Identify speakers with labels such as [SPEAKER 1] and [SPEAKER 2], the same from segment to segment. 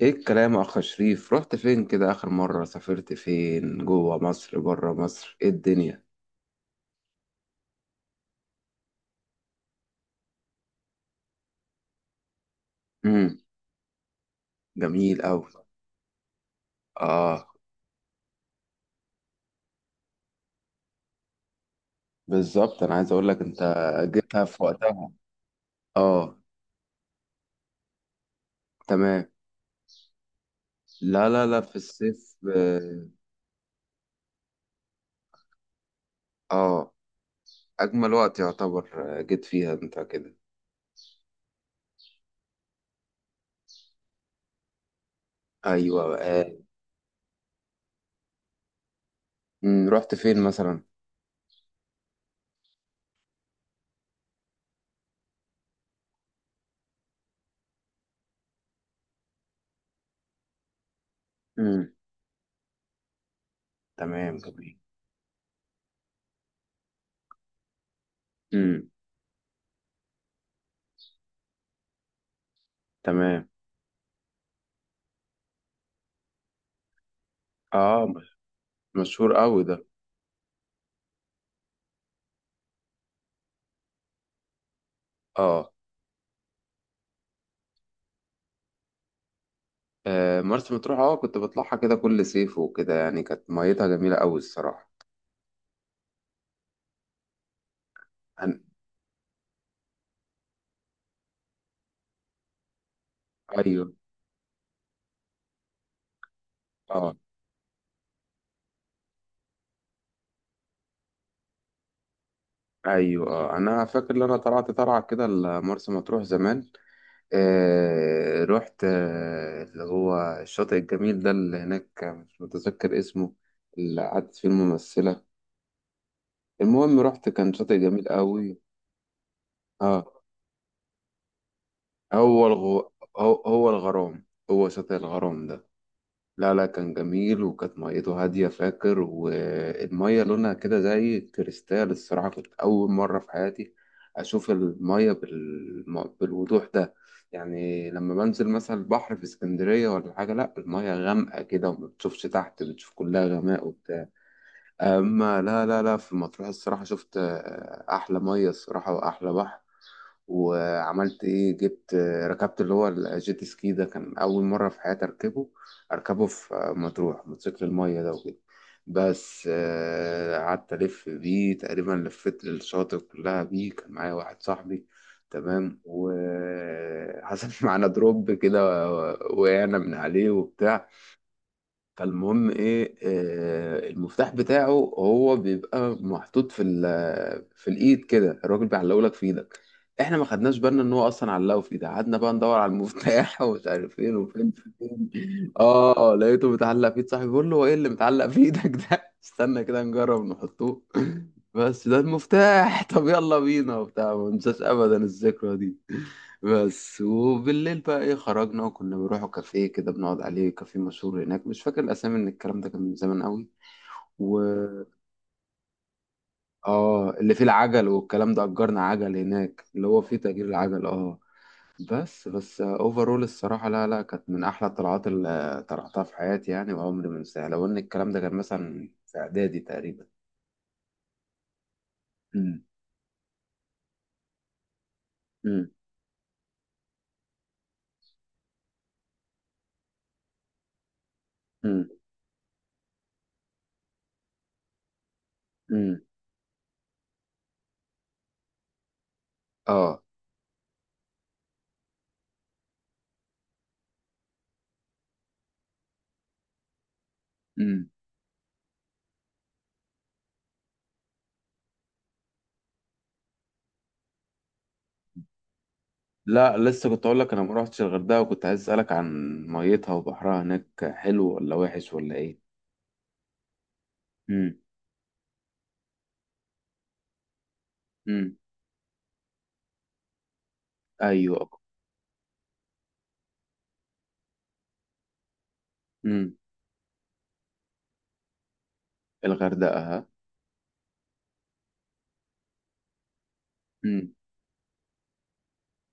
[SPEAKER 1] ايه الكلام يا اخ شريف؟ رحت فين كده اخر مرة؟ سافرت فين، جوه مصر، بره مصر؟ ايه الدنيا؟ امم. جميل اوي. اه. بالظبط، انا عايز اقول لك انت جبتها في وقتها. اه. تمام. لا لا لا، في الصيف. اه آه، اجمل وقت يعتبر. جيت فيها انت كده. ايوه. آه. مم. رحت فين مثلا؟ امم. تمام، جميل. امم. تمام. اه. مشهور قوي ده. اه. مرسى مطروح، كنت بطلعها كده كل صيف وكده، يعني كانت ميتها جميلة أوي الصراحة. أنا... أيوه، اه. أيوه، اه، أنا فاكر إن أنا طلعت طلعة كده لمرسى مطروح زمان. رحت اللي هو الشاطئ الجميل ده اللي هناك، مش متذكر اسمه، اللي قعدت فيه الممثلة. المهم، رحت، كان شاطئ جميل أوي. اه. هو هو الغرام، هو شاطئ الغرام ده. لا لا، كان جميل وكانت ميته هادية، فاكر، والمية لونها كده زي كريستال الصراحة. كنت أول مرة في حياتي أشوف المية بالوضوح ده. يعني لما بنزل مثلا البحر في اسكندرية ولا حاجة، لا، المية غامقة كده وما بتشوفش تحت، بتشوف كلها غماء وبتاع. أما لا لا لا، في مطروح الصراحة شفت أحلى مية الصراحة وأحلى بحر. وعملت ايه؟ جبت، ركبت اللي هو الجيت سكي ده، كان اول مره في حياتي اركبه، اركبه في مطروح، موتوسيكل الميه ده وكده. بس قعدت الف بيه تقريبا، لفيت الشاطئ كلها بيه، كان معايا واحد صاحبي. تمام، وحصل معانا دروب كده، وقعنا من عليه وبتاع. فالمهم ايه، المفتاح بتاعه هو بيبقى محطوط في في الايد كده، الراجل بيعلقه لك في ايدك. احنا ما خدناش بالنا ان هو اصلا علقه في ايدي، قعدنا بقى ندور على المفتاح ومش عارف فين وفين فين. اه، لقيته متعلق في ايد صاحبي. بقول له: هو ايه اللي متعلق في ايدك ده؟ استنى كده نجرب نحطوه. بس ده المفتاح. طب يلا بينا وبتاع، ما انساش ابدا الذكرى دي. بس. وبالليل بقى ايه، خرجنا وكنا بنروحوا كافيه كده، بنقعد عليه، كافيه مشهور هناك، مش فاكر الاسامي، من الكلام ده كان من زمان قوي. و اه، اللي فيه العجل والكلام ده، اجرنا عجل هناك، اللي هو فيه تأجير العجل. اه. بس اوفرول الصراحة، لا لا، كانت من احلى الطلعات اللي طلعتها في حياتي يعني، وعمري ما انساها، لو ان الكلام ده كان مثلا في اعدادي تقريبا. امم. امم. امم. امم. اه. امم. لا، لسه، كنت اقول لك انا ما رحتش الغردقه، وكنت عايز اسالك عن ميتها وبحرها هناك، حلو ولا وحش ولا ايه؟ امم. امم. ايوه. امم. الغردقه. امم.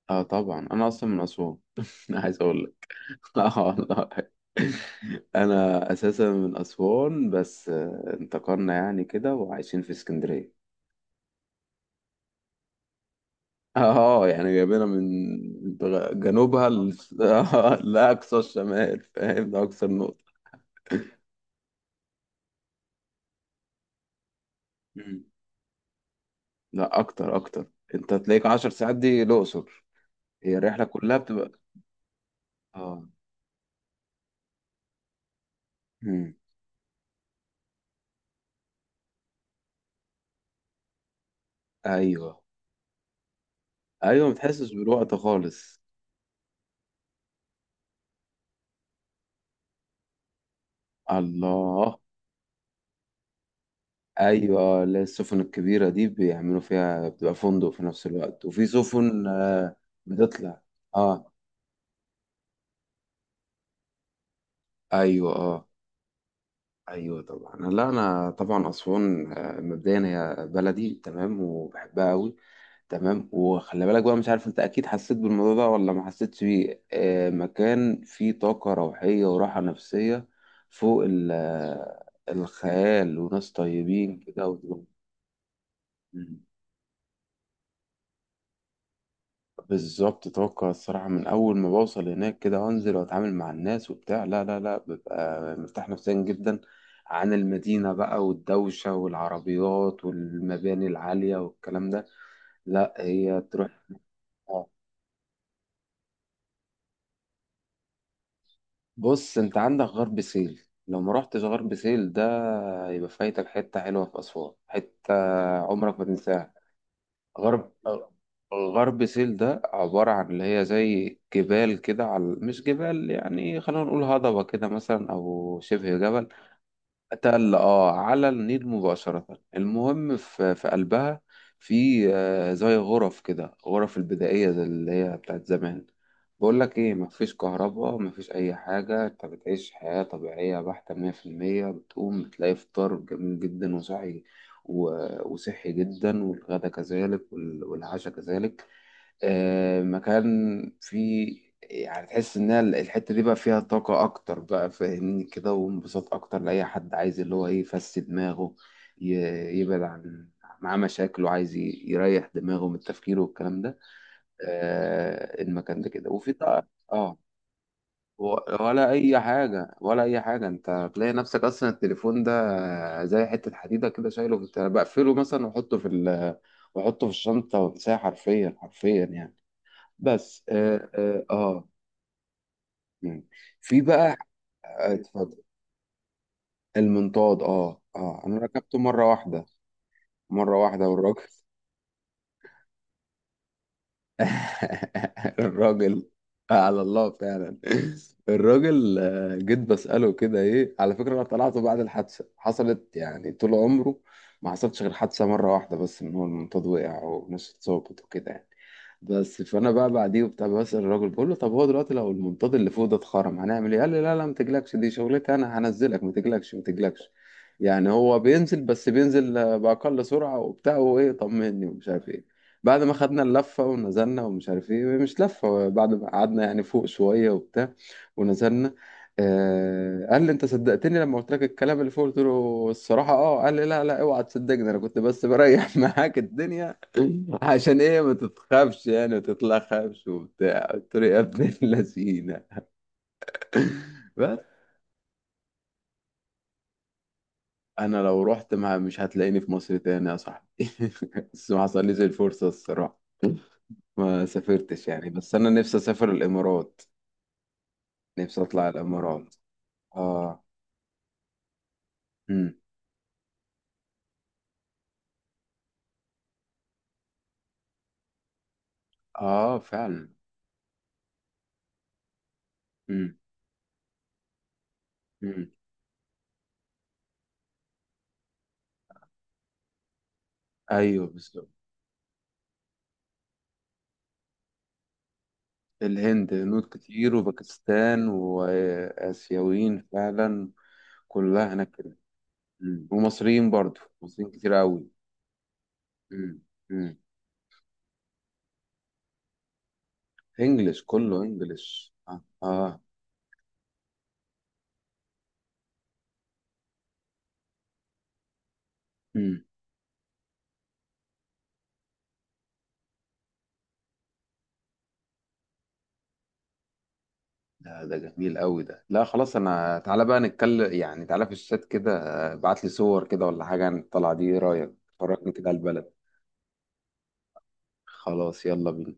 [SPEAKER 1] اه طبعا، انا اصلا من اسوان. انا عايز اقول لك. اه والله. انا اساسا من اسوان، بس انتقلنا يعني كده، وعايشين في اسكندريه. اه، يعني جايبينها من جنوبها لاقصى الشمال، فاهم؟ ده اكثر نقطه. لا، اكتر اكتر. انت تلاقيك 10 ساعات دي الاقصر، هي الرحله كلها بتبقى. اه. مم. ايوه، ايوه، ما تحسش بالوقت خالص. الله! ايوه، لا، السفن الكبيره دي بيعملوا فيها، بتبقى فندق في نفس الوقت، وفي سفن بتطلع. اه. ايوه، اه. ايوه طبعا، لا، انا طبعا اسوان مبدئيا هي بلدي، تمام، وبحبها قوي. تمام. وخلي بالك بقى، مش عارف انت اكيد حسيت بالموضوع ده ولا ما حسيتش بيه، مكان فيه طاقة روحية وراحة نفسية فوق الخيال، وناس طيبين كده مم. بالظبط، طاقة الصراحة من أول ما بوصل هناك كده وأنزل وأتعامل مع الناس وبتاع، لا لا لا، ببقى مرتاح نفسيا جدا عن المدينة بقى والدوشة والعربيات والمباني العالية والكلام ده. لا، هي تروح. بص، انت عندك غرب سهيل، لو ما رحتش غرب سهيل ده يبقى فايتك حتة حلوة في أسوان، حتة عمرك ما تنساها. غرب غرب سهيل ده عبارة عن اللي هي زي جبال كده، على مش جبال يعني، خلينا نقول هضبة كده مثلا، أو شبه جبل، تل، على النيل مباشرة. المهم، في قلبها، في زي غرف كده، غرف البدائية زي اللي هي بتاعت زمان. بقول لك ايه، مفيش كهرباء، مفيش اي حاجة، انت بتعيش حياة طبيعية بحتة مية في المية. بتقوم بتلاقي فطار جميل جدا وصحي، وصحي جدا، والغدا كذلك، والعشاء كذلك. مكان فيه، يعني تحس ان الحته دي بقى فيها طاقه اكتر، بقى فاهمني كده، وانبساط اكتر لاي حد عايز اللي هو ايه يفسد دماغه، يبعد عن معاه مشاكل، وعايز يريح دماغه من التفكير والكلام ده. آه، المكان ده كده. وفي بقى اه. ولا اي حاجه، ولا اي حاجه، انت هتلاقي نفسك اصلا التليفون ده زي حته حديده كده، شايله انا بقفله مثلا واحطه في واحطه في الشنطه وانساه، حرفيا حرفيا يعني. بس. اه اه. آه. مم. في بقى. اتفضل. المنطاد، انا ركبته مره واحده، مره واحده، والراجل. الراجل على الله فعلا. الراجل جيت بسأله كده، ايه على فكرة انا طلعته بعد الحادثة حصلت يعني، طول عمره ما حصلتش غير حادثة مرة واحدة بس، ان هو المنطاد وقع وناس اتصابت وكده يعني. بس، فانا بقى بعديه وبتاع، بسأل الراجل، بقول له: طب هو دلوقتي لو المنطاد اللي فوق ده اتخرم هنعمل ايه؟ قال لي: لا لا، ما تقلقش، دي شغلتي انا، هنزلك، ما تقلقش ما تقلقش. يعني هو بينزل، بس بينزل بأقل سرعة وبتاع، وايه، طمني ومش عارف ايه. بعد ما خدنا اللفة ونزلنا، ومش عارف ايه، مش لفة، بعد ما قعدنا يعني فوق شوية وبتاع ونزلنا، قال لي: انت صدقتني لما قلت لك الكلام اللي فوق؟ قلت له: الصراحة اه. قال لي: لا لا، اوعى تصدقني، انا كنت بس بريح معاك الدنيا عشان ايه ما تتخافش يعني، ما تتلخفش وبتاع. قلت له: يا ابن اللذينة! بس. انا لو رحت ما مش هتلاقيني في مصر تاني يا صاحبي. بس ما حصلليش الفرصة الصراحة، ما سافرتش يعني. بس انا نفسي اسافر الامارات، نفسي اطلع الامارات. اه. امم. اه فعلا. امم. امم. ايوه بالظبط. الهند، هنود كتير وباكستان واسيويين فعلا. كلها هناك كده. مم. ومصريين، برضو مصريين كتير قوي. امم. امم. انجلش، كله انجلش، اه اه. امم. ده جميل قوي ده. لا خلاص، انا، تعالى بقى نتكلم يعني، تعالى في الشات كده، ابعت لي صور كده ولا حاجه عن الطلعه دي، إيه رايك؟ فرجني كده على البلد. خلاص، يلا بينا.